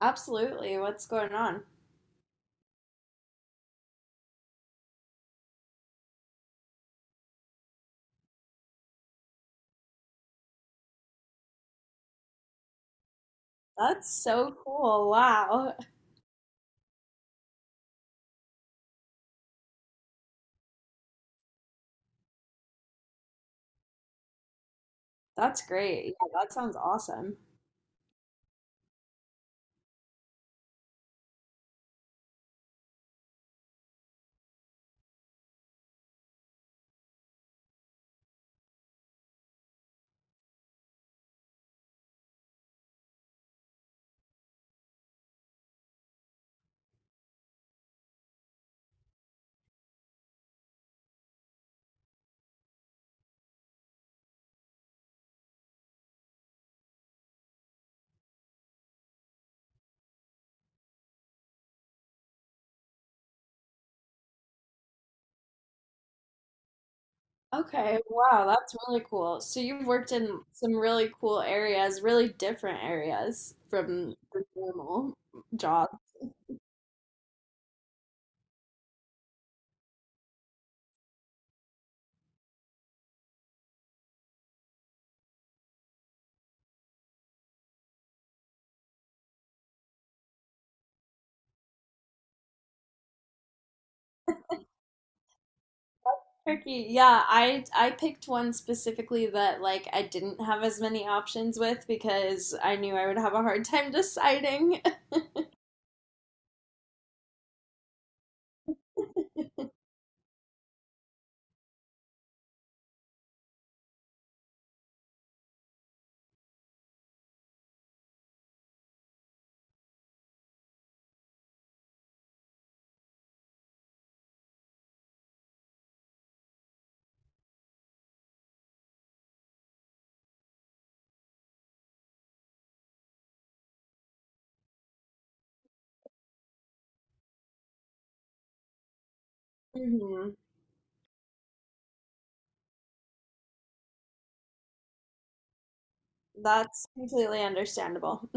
Absolutely. What's going on? That's so cool. Wow. That's great. Yeah, that sounds awesome. Okay. Wow, that's really cool. So you've worked in some really cool areas, really different areas from the normal job. Turkey. Yeah, I picked one specifically that like I didn't have as many options with because I knew I would have a hard time deciding. Hmm. That's completely understandable.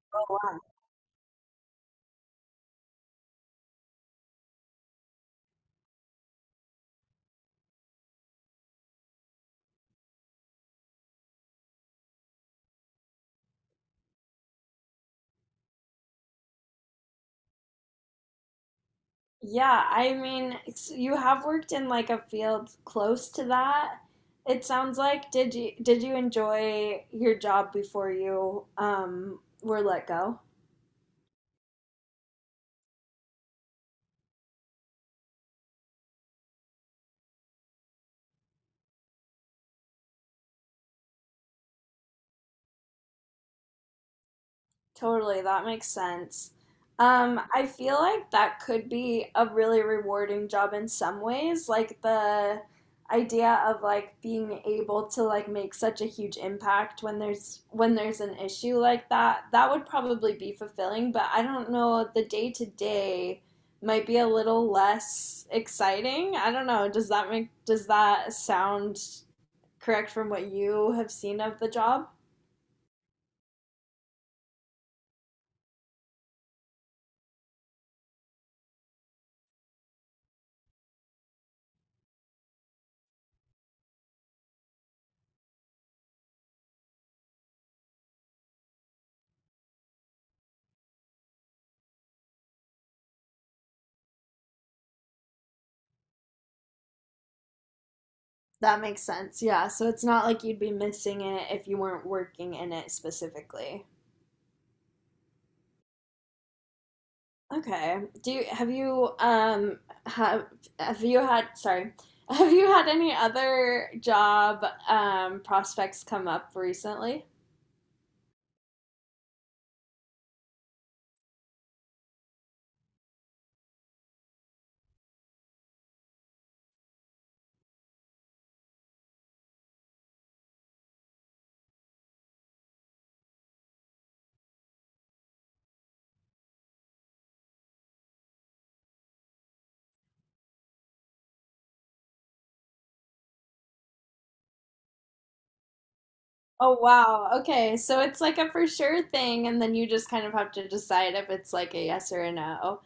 Yeah, I mean, you have worked in like a field close to that. It sounds like did you enjoy your job before you were let go? Totally, that makes sense. I feel like that could be a really rewarding job in some ways, like the idea of like being able to like make such a huge impact when there's an issue like that. That would probably be fulfilling, but I don't know, the day to day might be a little less exciting. I don't know. Does that sound correct from what you have seen of the job? That makes sense. Yeah. So it's not like you'd be missing it if you weren't working in it specifically. Okay. Have you have have you had sorry have you had any other job prospects come up recently? Oh wow. Okay. So it's like a for sure thing and then you just kind of have to decide if it's like a yes or a no.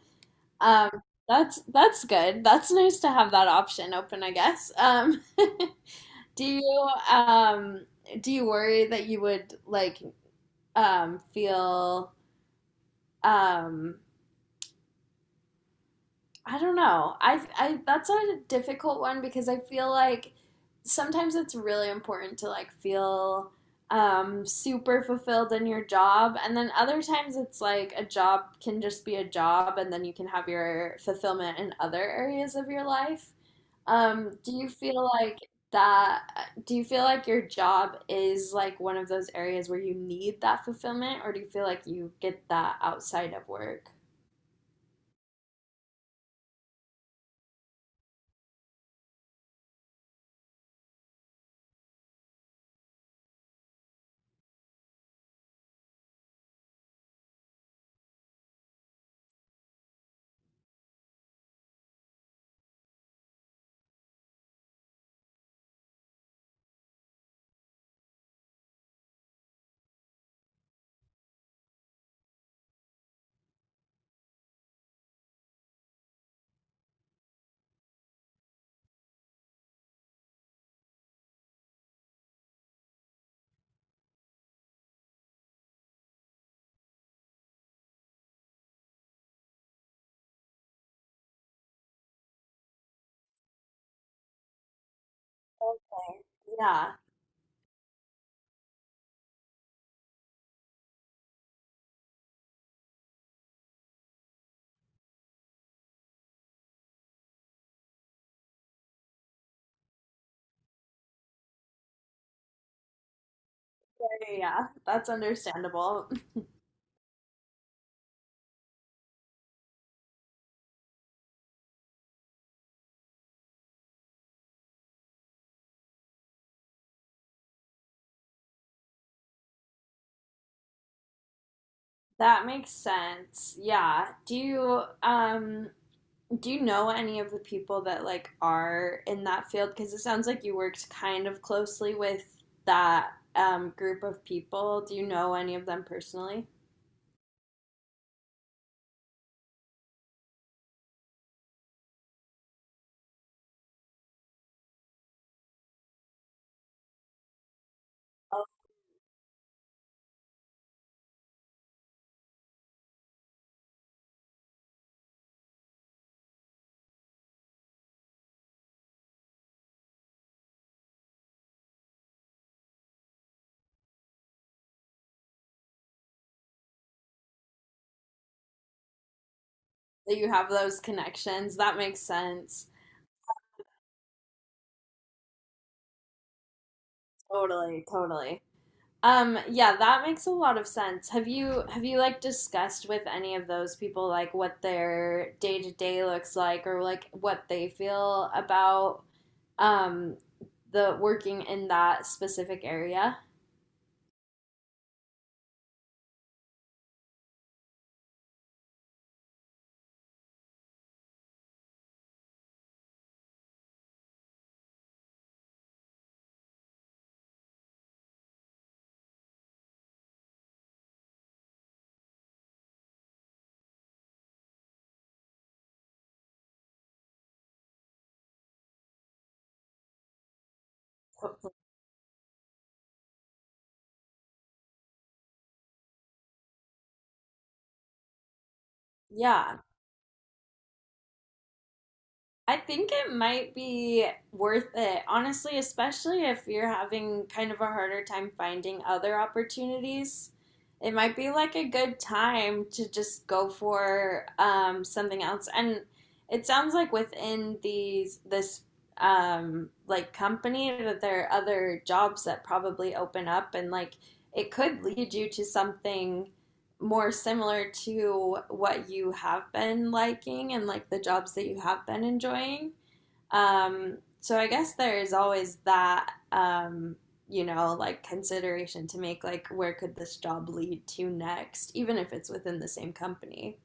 Um, that's good. That's nice to have that option open, I guess. Um, do you do you worry that you would like feel, um, I don't know. I that's a difficult one because I feel like sometimes it's really important to like feel, um, super fulfilled in your job and then other times it's like a job can just be a job and then you can have your fulfillment in other areas of your life. Do you feel like that, do you feel like your job is like one of those areas where you need that fulfillment, or do you feel like you get that outside of work? Yeah, yeah, yeah, yeah. That's understandable. That makes sense. Yeah. Do you know any of the people that like are in that field? Because it sounds like you worked kind of closely with that, um, group of people. Do you know any of them personally? That you have those connections. That makes sense. Totally, totally. Yeah, that makes a lot of sense. Have you like discussed with any of those people like what their day to day looks like or like what they feel about, um, the working in that specific area? Yeah. I think it might be worth it, honestly, especially if you're having kind of a harder time finding other opportunities. It might be like a good time to just go for, something else. And it sounds like within these this like company that there are other jobs that probably open up and like it could lead you to something more similar to what you have been liking and like the jobs that you have been enjoying. So I guess there is always that, you know, like consideration to make like where could this job lead to next, even if it's within the same company.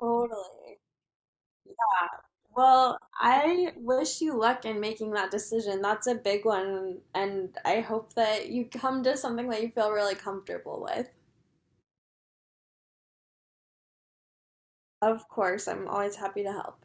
Totally. Yeah. Well, I wish you luck in making that decision. That's a big one, and I hope that you come to something that you feel really comfortable with. Of course, I'm always happy to help.